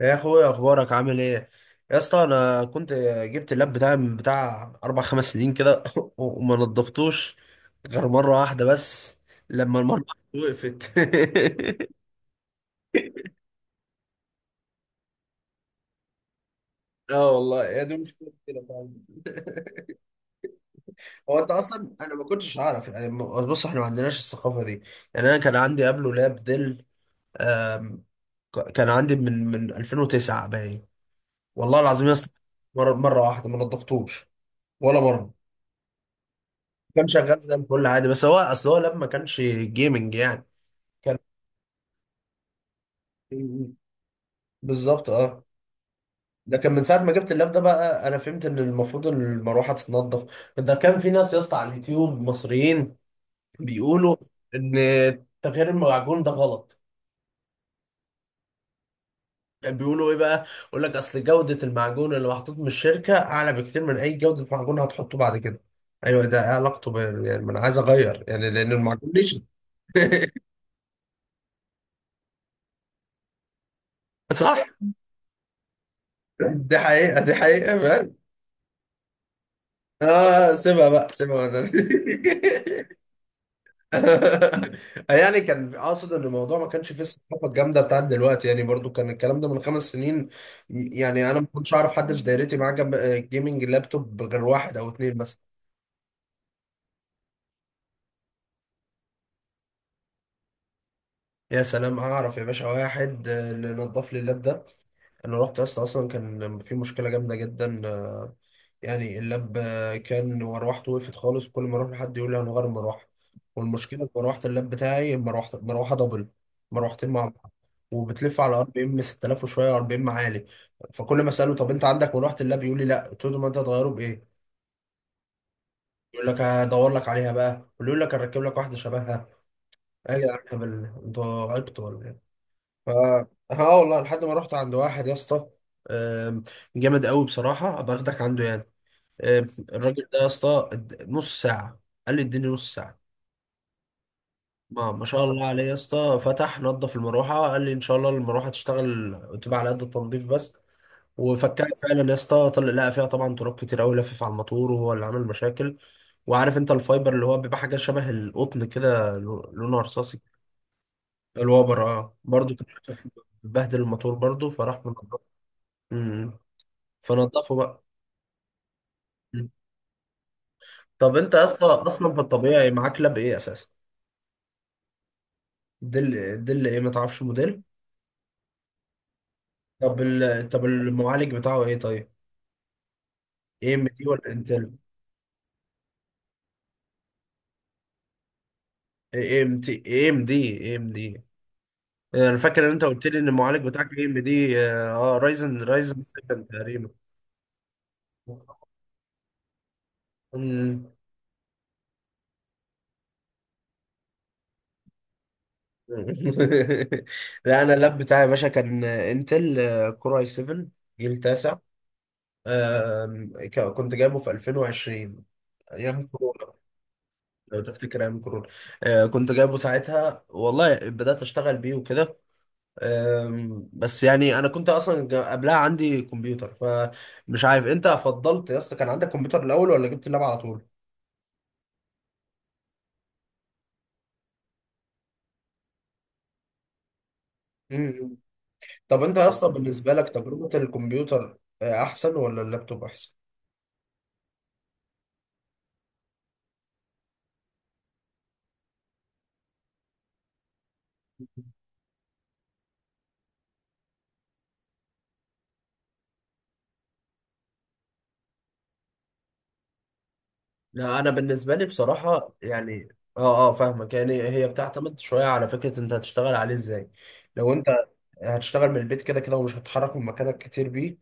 يا اخويا اخبارك عامل ايه يا اسطى انا كنت جبت اللاب بتاعي من بتاع اربع خمس سنين كده وما نضفتوش غير مره واحده بس لما المره وقفت. اه والله، يا دي مشكله كده فعلا. هو انت اصلا انا ما كنتش اعرف، يعني بص احنا ما عندناش الثقافه دي. يعني انا كان عندي قبله لاب ديل. آم، كان عندي من 2009 باين. والله العظيم يا اسطى، مره واحده ما نضفتوش، ولا مره. كان شغال زي الفل عادي، بس هو اصل هو لاب ما كانش جيمنج يعني. كان بالظبط اه. ده كان من ساعة ما جبت اللاب ده، بقى انا فهمت ان المفروض المروحة تتنضف. ده كان في ناس يا اسطى على اليوتيوب مصريين بيقولوا ان تغيير المعجون ده غلط. بيقولوا ايه بقى؟ يقول لك اصل جودة المعجون اللي محطوط من الشركة اعلى بكتير من اي جودة معجون هتحطه بعد كده. ايوه، ده إيه علاقته ب... يعني ما انا عايز اغير يعني لان المعجون نشف. صح، دي حقيقة، دي حقيقة. اه سيبها بقى، سيبها وانا. يعني كان اقصد ان الموضوع ما كانش فيه الثقافه الجامده بتاعت دلوقتي، يعني برضو كان الكلام ده من خمس سنين. يعني انا ما كنتش اعرف حد في دايرتي معاه جنب جيمنج لابتوب غير واحد او اتنين مثلا. يا سلام، اعرف يا باشا واحد، اللي نضف لي اللاب ده. انا رحت اصلا كان في مشكله جامده جدا، يعني اللاب كان مروحته وقفت خالص، كل ما اروح لحد يقول لي هنغير المروحه. والمشكله في مروحه اللاب بتاعي مروحه دبل، مروحتين مع بعض، وبتلف على ار بي ام 6000 وشويه، ار بي ام عالي. فكل ما اساله طب انت عندك مروحه اللاب، يقول لي لا. قلت له ما انت هتغيره بايه؟ يقول لك هدور لك عليها بقى، ويقول لك هركب لك واحده شبهها. ايه يا جدعان، هبل انتوا، عبطوا ولا ايه؟ ف اه والله لحد ما رحت عند واحد يا اسطى، آم، جامد قوي بصراحه، ابقى اخدك عنده يعني. آه، الراجل ده يا اسطى، نص ساعة، قال لي اديني نص ساعة. ما شاء الله عليه يا اسطى، فتح نظف المروحة، قال لي ان شاء الله المروحة تشتغل تبقى على قد التنظيف بس. وفكها فعلا يا اسطى، طلع لقى فيها طبعا تراب كتير قوي لفف على الموتور، وهو اللي عمل مشاكل. وعارف انت الفايبر اللي هو بيبقى حاجة شبه القطن كده، لونه رصاصي. الوبر، اه برضه كان شايف، بهدل الموتور برضه، فراح منضفه. مم. فنضفه بقى. مم. طب انت يا اسطى اصلا في الطبيعي معاك لاب ايه اساسا؟ دل، دل ايه؟ ما تعرفش موديل؟ طب ال... طب المعالج بتاعه ايه طيب؟ اي ام تي ولا انتل؟ اي ام تي، اي ام دي، اي ام دي. انا فاكر ان انت قلت لي ان المعالج بتاعك اي ام دي، اه رايزن، رايزن 7 تقريبا. مم. لا انا اللاب بتاعي يا باشا كان انتل، كور اي 7، جيل تاسع. كنت جايبه في 2020، ايام كورونا، لو تفتكر ايام كورونا. كنت جايبه ساعتها والله، بدأت اشتغل بيه وكده. بس يعني انا كنت اصلا قبلها عندي كمبيوتر، فمش عارف انت فضلت يا اسطى كان عندك كمبيوتر الاول ولا جبت اللاب على طول. مم. طب انت يا اسطى بالنسبه لك تجربه الكمبيوتر احسن ولا اللابتوب احسن؟ لا انا بالنسبه لي بصراحه يعني، اه اه فاهمك، يعني هي بتعتمد شويه على فكره انت هتشتغل عليه ازاي. لو انت هتشتغل من البيت كده كده ومش هتتحرك من مكانك كتير بيه،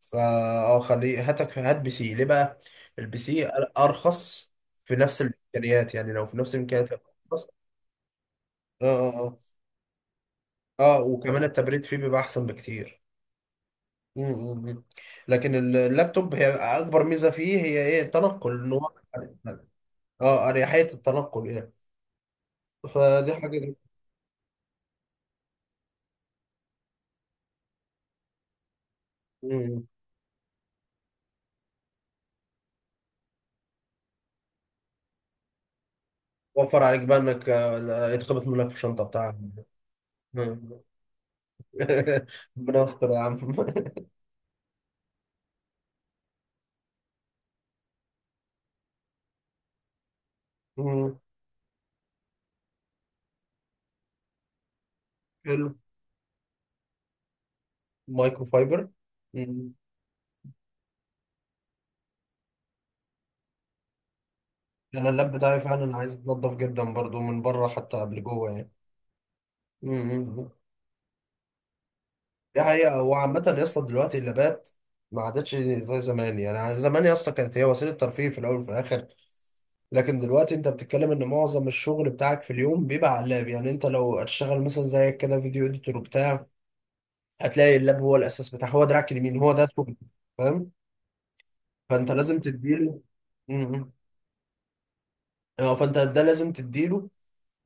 فا اه خليه، هاتك، هات بي سي ليه بقى؟ البي سي ارخص، في نفس الامكانيات، يعني لو في نفس الامكانيات ارخص. اه اه، اه اه، وكمان التبريد فيه بيبقى احسن بكتير. م- م- م. لكن اللابتوب هي اكبر ميزه فيه هي ايه؟ التنقل، ان هو، اه اريحيه التنقل يعني. فدي حاجه دي. م- وفر عليك بقى انك، آه، لا، يتخبط منك في الشنطه بتاعك. م. ربنا يستر يا عم. م. حلو. مايكرو فايبر. انا اللاب بتاعي فعلا عايز يتنضف جدا برضو من بره حتى قبل جوه يعني. امم. دي حقيقة. وعامة يا اسطى دلوقتي اللابات ما عادتش زي زمان، يعني يعني زمان يا اسطى كانت هي وسيلة ترفيه في الأول وفي الآخر. لكن دلوقتي أنت بتتكلم إن معظم الشغل بتاعك في اليوم بيبقى على اللاب. يعني أنت لو هتشتغل مثلا زيك كده فيديو إديتور وبتاع، هتلاقي اللاب هو الأساس بتاعك، هو دراعك اليمين، هو ده شغلك. فاهم. فأنت لازم تديله. امم. اه فأنت ده لازم تديله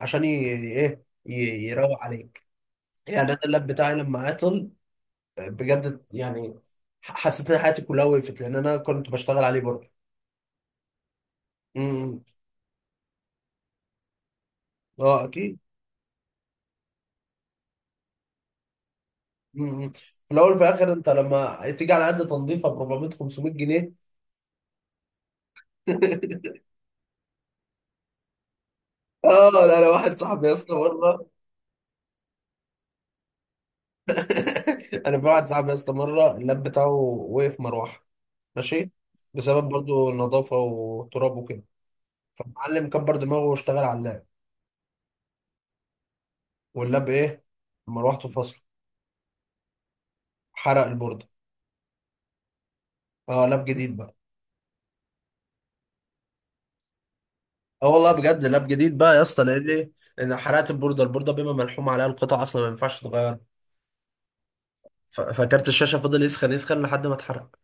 عشان ي... إيه، يروق عليك. يعني انا اللاب بتاعي لما عطل، بجد يعني، حسيت ان حياتي كلها وقفت، لان انا كنت بشتغل عليه برضه. إمم. اه اكيد. إمم. في الاول وفي الاخر انت لما تيجي على قد تنظيفه ب 400 500 جنيه. اه لا لا، واحد صاحبي يا اسطى مره. انا في واحد صاحبي يا اسطى مره اللاب بتاعه وقف مروحه، ماشي، بسبب برضه نظافه وتراب وكده. فالمعلم كبر دماغه واشتغل على اللاب، واللاب ايه، مروحته فصل، حرق البورده. اه، لاب جديد بقى. اه والله بجد، لاب جديد بقى يا اسطى. لان ايه؟ لان حرقت البورده، البورده بما ملحوم عليها القطع اصلا ما ينفعش تتغير. فكارت الشاشه فضل يسخن يسخن لحد ما اتحرق.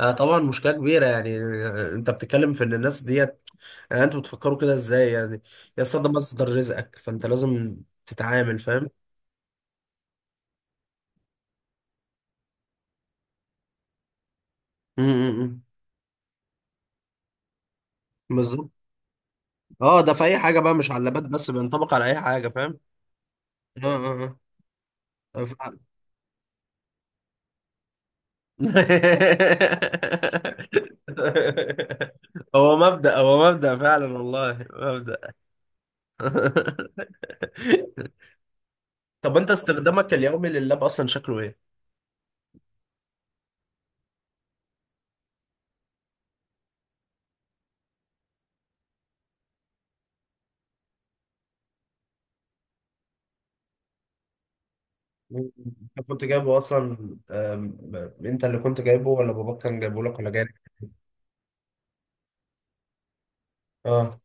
آه طبعا مشكله كبيره يعني. انت بتتكلم في ان الناس ديت، آه انتوا بتفكروا كده ازاي يعني؟ يا اسطى ده مصدر رزقك، فانت لازم تتعامل، فاهم؟ م- م- م. بالظبط اه، ده في اي حاجه بقى، مش على اللابات بس، بينطبق على اي حاجه، فاهم؟ اه اه، اه. هو مبدأ، هو مبدأ فعلا والله، مبدأ. طب انت استخدامك اليومي لللاب اصلا شكله ايه؟ انت كنت جايبه اصلا، انت اللي كنت جايبه ولا باباك كان جايبه لك ولا جايبه؟ اه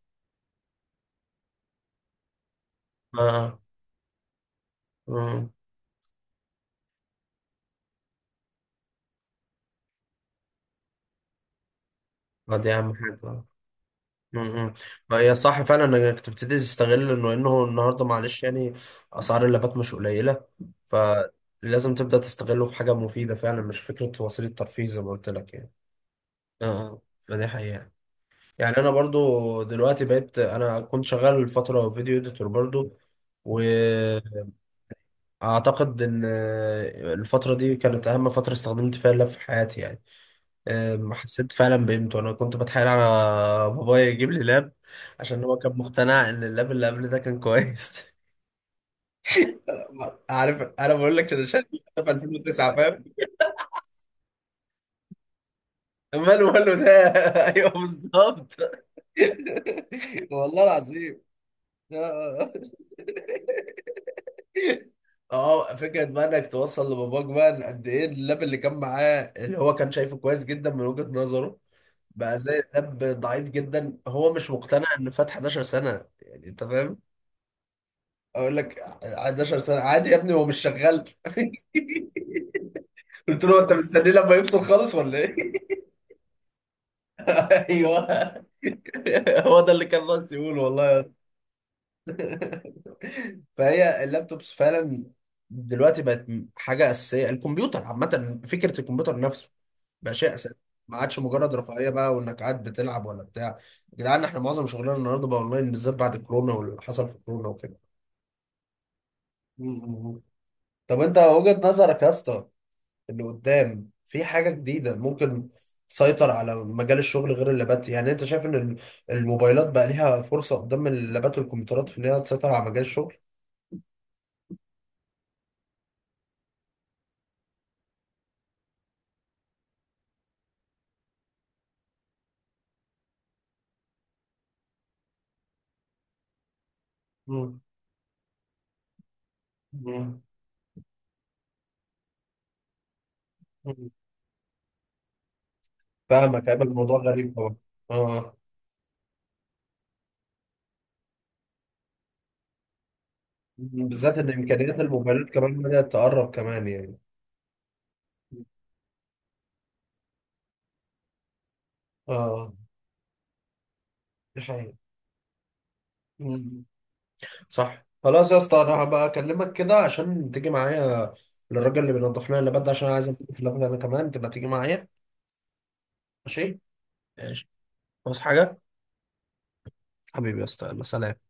اه، اه. ما دي اهم حاجة. امم. ما هي صح فعلا انك تبتدي تستغل انه، النهارده معلش يعني، اسعار اللابات مش قليله، فلازم تبدا تستغله في حاجه مفيده فعلا، مش فكره وسيله ترفيه زي ما قلت لك يعني. اه فدي حقيقه. يعني انا برضو دلوقتي بقيت، انا كنت شغال فتره فيديو اديتور برضو، واعتقد ان الفتره دي كانت اهم فتره استخدمت فيها اللاب في حياتي يعني. حسيت فعلا بقيمته. انا كنت بتحايل على بابايا يجيب لي لاب عشان هو كان مقتنع ان اللاب اللي قبل ده كان كويس. عارف انا بقول لك انا شايف في 2009، فاهم؟ ماله ده. ايوه بالظبط. والله العظيم. اه اه فكره بقى انك توصل لباباك بقى إن قد ايه اللاب اللي كان معاه، اللي هو كان شايفه كويس جدا من وجهه نظره، بقى زي لاب ضعيف جدا. هو مش مقتنع ان فات 11 سنه يعني، انت فاهم؟ اقول لك 11 سنه عادي يا ابني، هو مش شغال. قلت له انت مستني لما يفصل خالص ولا ايه؟ ايوه، هو ده اللي كان ناقص يقوله والله يا اسطى. فهي اللابتوبس فعلا دلوقتي بقت حاجه اساسيه. الكمبيوتر عامه، فكره الكمبيوتر نفسه بقى شيء اساسي، ما عادش مجرد رفاهيه بقى وانك قاعد بتلعب ولا بتاع. يا جدعان احنا معظم شغلنا النهارده بقى اونلاين، بالذات بعد كورونا واللي حصل في كورونا وكده. م- م- م. طب انت وجهه نظرك يا اسطى اللي قدام في حاجة جديدة ممكن تسيطر على مجال الشغل غير اللابات؟ يعني انت شايف ان الموبايلات بقى ليها فرصة قدام اللابات والكمبيوترات في ان هي تسيطر على مجال الشغل؟ مم. مم. مم. فاهمك، هيبقى الموضوع غريب طبعا. اه بالذات ان امكانيات الموبايلات كمان بدأت تقرب كمان يعني. اه دي حقيقة. مم. صح، خلاص يا اسطى انا هبقى اكلمك كده عشان تيجي معايا للراجل اللي بينضف لنا اللابات ده، عشان عايز انضف اللابات انا كمان، تبقى تيجي معايا. ماشي ماشي. بص حاجة، حبيبي يا اسطى يلا سلام.